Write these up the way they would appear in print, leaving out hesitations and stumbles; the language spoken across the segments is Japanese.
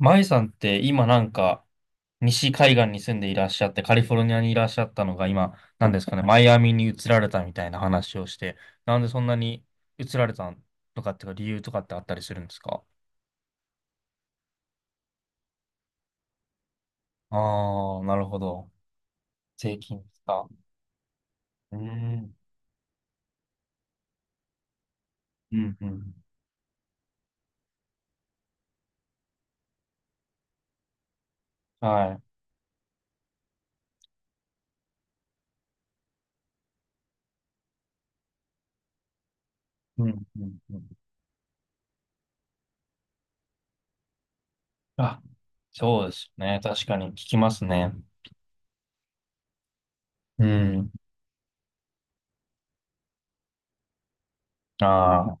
マイさんって今西海岸に住んでいらっしゃって、カリフォルニアにいらっしゃったのが今なんですかねマイアミに移られたみたいな話をして、なんでそんなに移られたとかっていうか理由とかってあったりするんですか？あ、あー、なるほど。税金ですか。うーん。うんうん。はい。うんうんうん。あ、そうですね。確かに聞きますね。うん。ああ、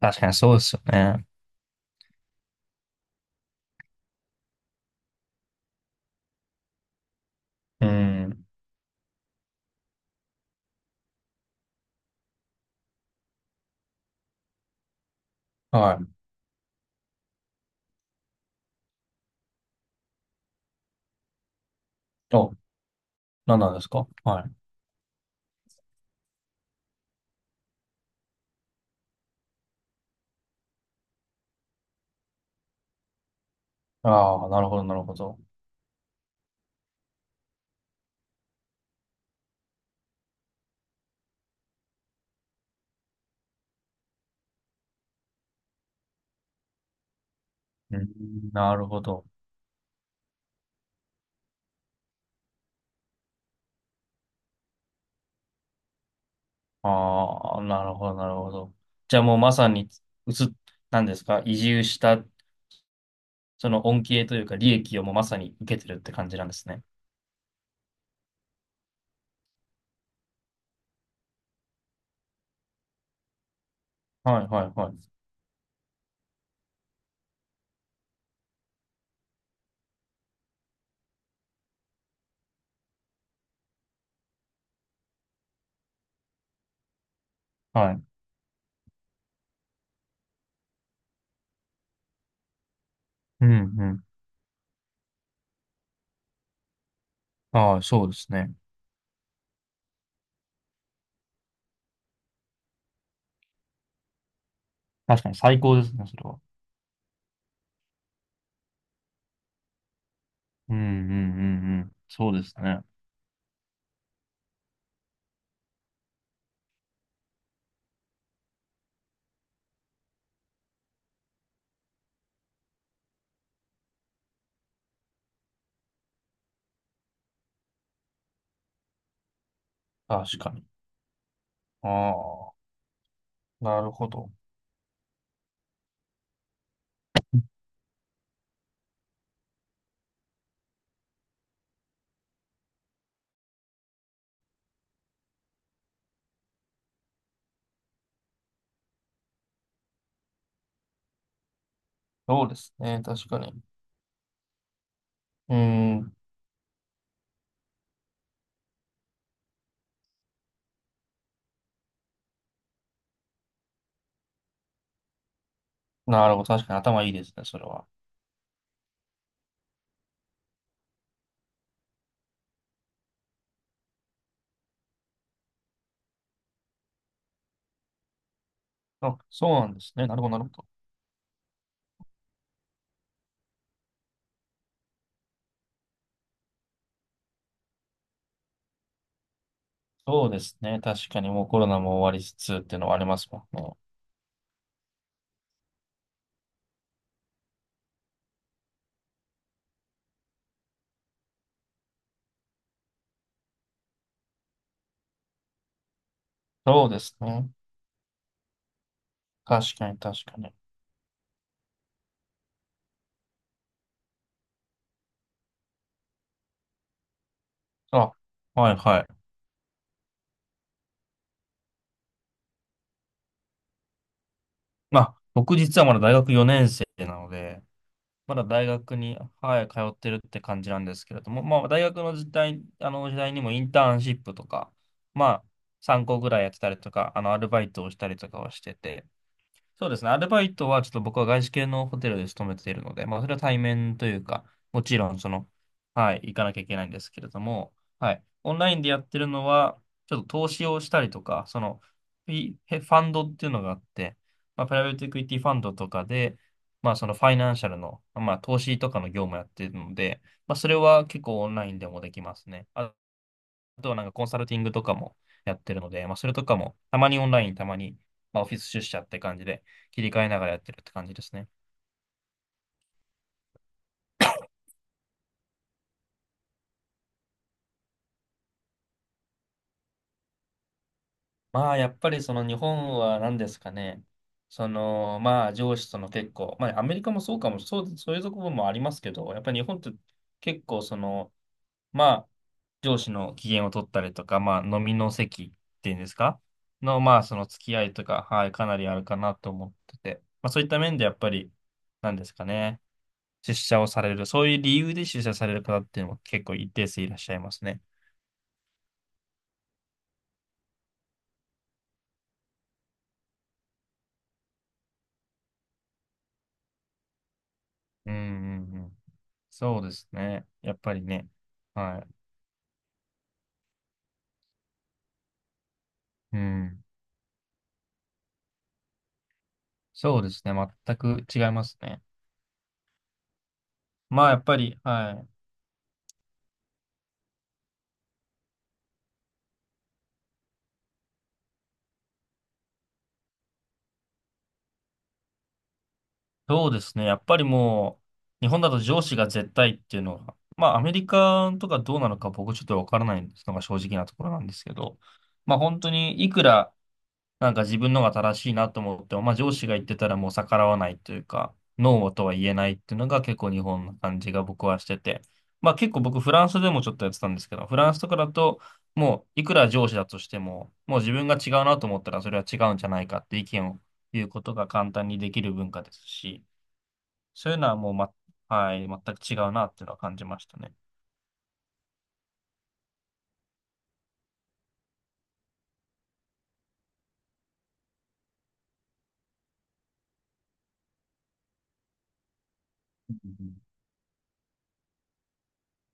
確かにそうですよね。うん。はい。あ、何なんですか？はい。ああ、なるほど、なるほど。うん、なるほど。ああ、なるほど、なるほど。じゃあもうまさに、うつ、なんですか、移住した、その恩恵というか利益をもうまさに受けてるって感じなんですね。はい、はい、はい。はい。うん、うん。ああ、そうですね。確かに最高ですね、それは。うん、うん、うん、うん。そうですね。確かに。ああ、なるほど。そうですね、確かに。うん、なるほど。確かに頭いいですね、それは。あ、そうなんですね。なるほど、なるほど。そうですね。確かにもうコロナも終わりつつっていうのはありますもんね。そうですね。確かに確かに。あ、はいはい。まあ、僕実はまだ大学4年生なので、まだ大学に、はい、通ってるって感じなんですけれども、まあ、大学の時代、あの時代にもインターンシップとか、まあ、3個ぐらいやってたりとか、あの、アルバイトをしたりとかはしてて、そうですね。アルバイトはちょっと僕は外資系のホテルで勤めているので、まあそれは対面というか、もちろんその、はい、行かなきゃいけないんですけれども、はい、オンラインでやってるのは、ちょっと投資をしたりとか、その、フィファンドっていうのがあって、まあプライベートエクイティファンドとかで、まあそのファイナンシャルの、まあ投資とかの業務やってるので、まあそれは結構オンラインでもできますね。あ、あとはなんかコンサルティングとかもやってるので、まあ、それとかもたまにオンライン、たまにまあオフィス出社って感じで切り替えながらやってるって感じですね。まあやっぱりその日本は何ですかね。そのまあ上司との結構、まあアメリカもそうかも、そう、そういうところもありますけど、やっぱり日本って結構そのまあ上司の機嫌を取ったりとか、まあ飲みの席っていうんですかのまあその付き合いとか、はい、かなりあるかなと思ってて、まあそういった面でやっぱりなんですかね。出社をされる、そういう理由で出社される方っていうのも結構一定数いらっしゃいますね。うんうんうん。そうですね。やっぱりね。はい。うん。そうですね。全く違いますね。まあ、やっぱり、はい。そうですね。やっぱりもう、日本だと上司が絶対っていうのは、まあ、アメリカとかどうなのか僕ちょっとわからないのが正直なところなんですけど、まあ、本当にいくら、なんか自分のが正しいなと思っても、まあ上司が言ってたらもう逆らわないというか、ノーとは言えないっていうのが結構日本の感じが僕はしてて、まあ結構僕フランスでもちょっとやってたんですけど、フランスとかだともういくら上司だとしても、もう自分が違うなと思ったらそれは違うんじゃないかって意見を言うことが簡単にできる文化ですし、そういうのはもうはい、全く違うなっていうのは感じましたね。うん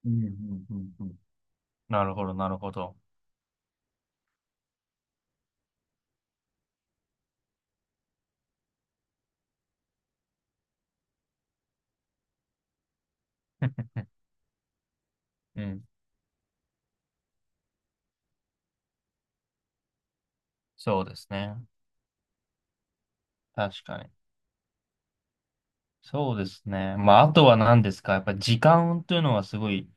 うんうんうんうんうん、なるほど、なるほど。うん、そうですね。確かに。そうですね。まあ、あとは何ですか。やっぱ時間というのはすごい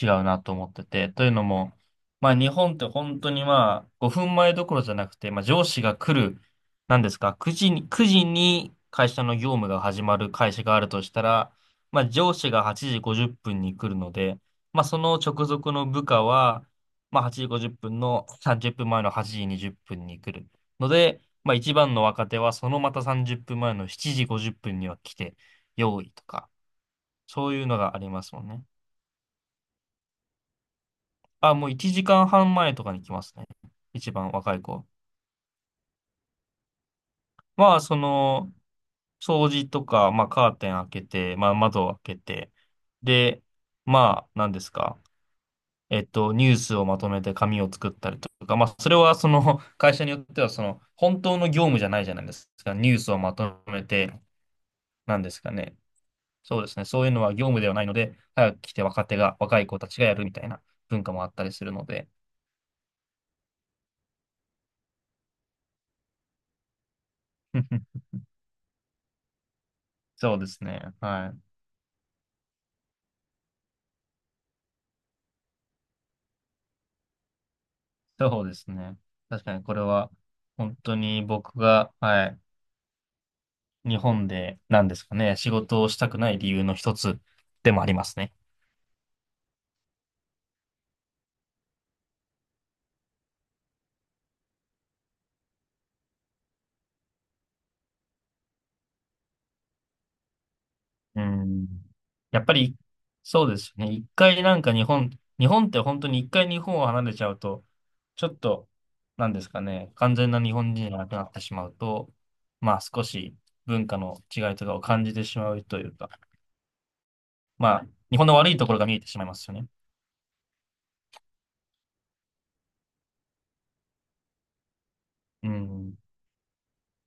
違うなと思ってて。というのも、まあ、日本って本当にまあ、5分前どころじゃなくて、まあ、上司が来る、何ですか、9時に、9時に会社の業務が始まる会社があるとしたら、まあ、上司が8時50分に来るので、まあ、その直属の部下は、まあ、8時50分の30分前の8時20分に来るので、まあ、一番の若手はそのまた30分前の7時50分には来て、用意とか、そういうのがありますもんね。あ、もう1時間半前とかに来ますね。一番若い子。まあ、その、掃除とか、まあ、カーテン開けて、まあ、窓を開けて、で、まあ、何ですか。えっと、ニュースをまとめて紙を作ったりとか、まあ、それはその、会社によっては、その、本当の業務じゃないじゃないですか。ニュースをまとめて、なんですかね。そうですね。そういうのは業務ではないので、早く来て若手が、若い子たちがやるみたいな文化もあったりするので。そうですね。はい。そうですね。確かにこれは、本当に僕が、はい、日本で、なんですかね、仕事をしたくない理由の一つでもありますね。うん。やっぱり、そうですよね。一回なんか日本、日本って本当に一回日本を離れちゃうと、ちょっと、なんですかね、完全な日本人じゃなくなってしまうと、まあ少し文化の違いとかを感じてしまうというか、まあ、日本の悪いところが見えてしまいますよね。うん。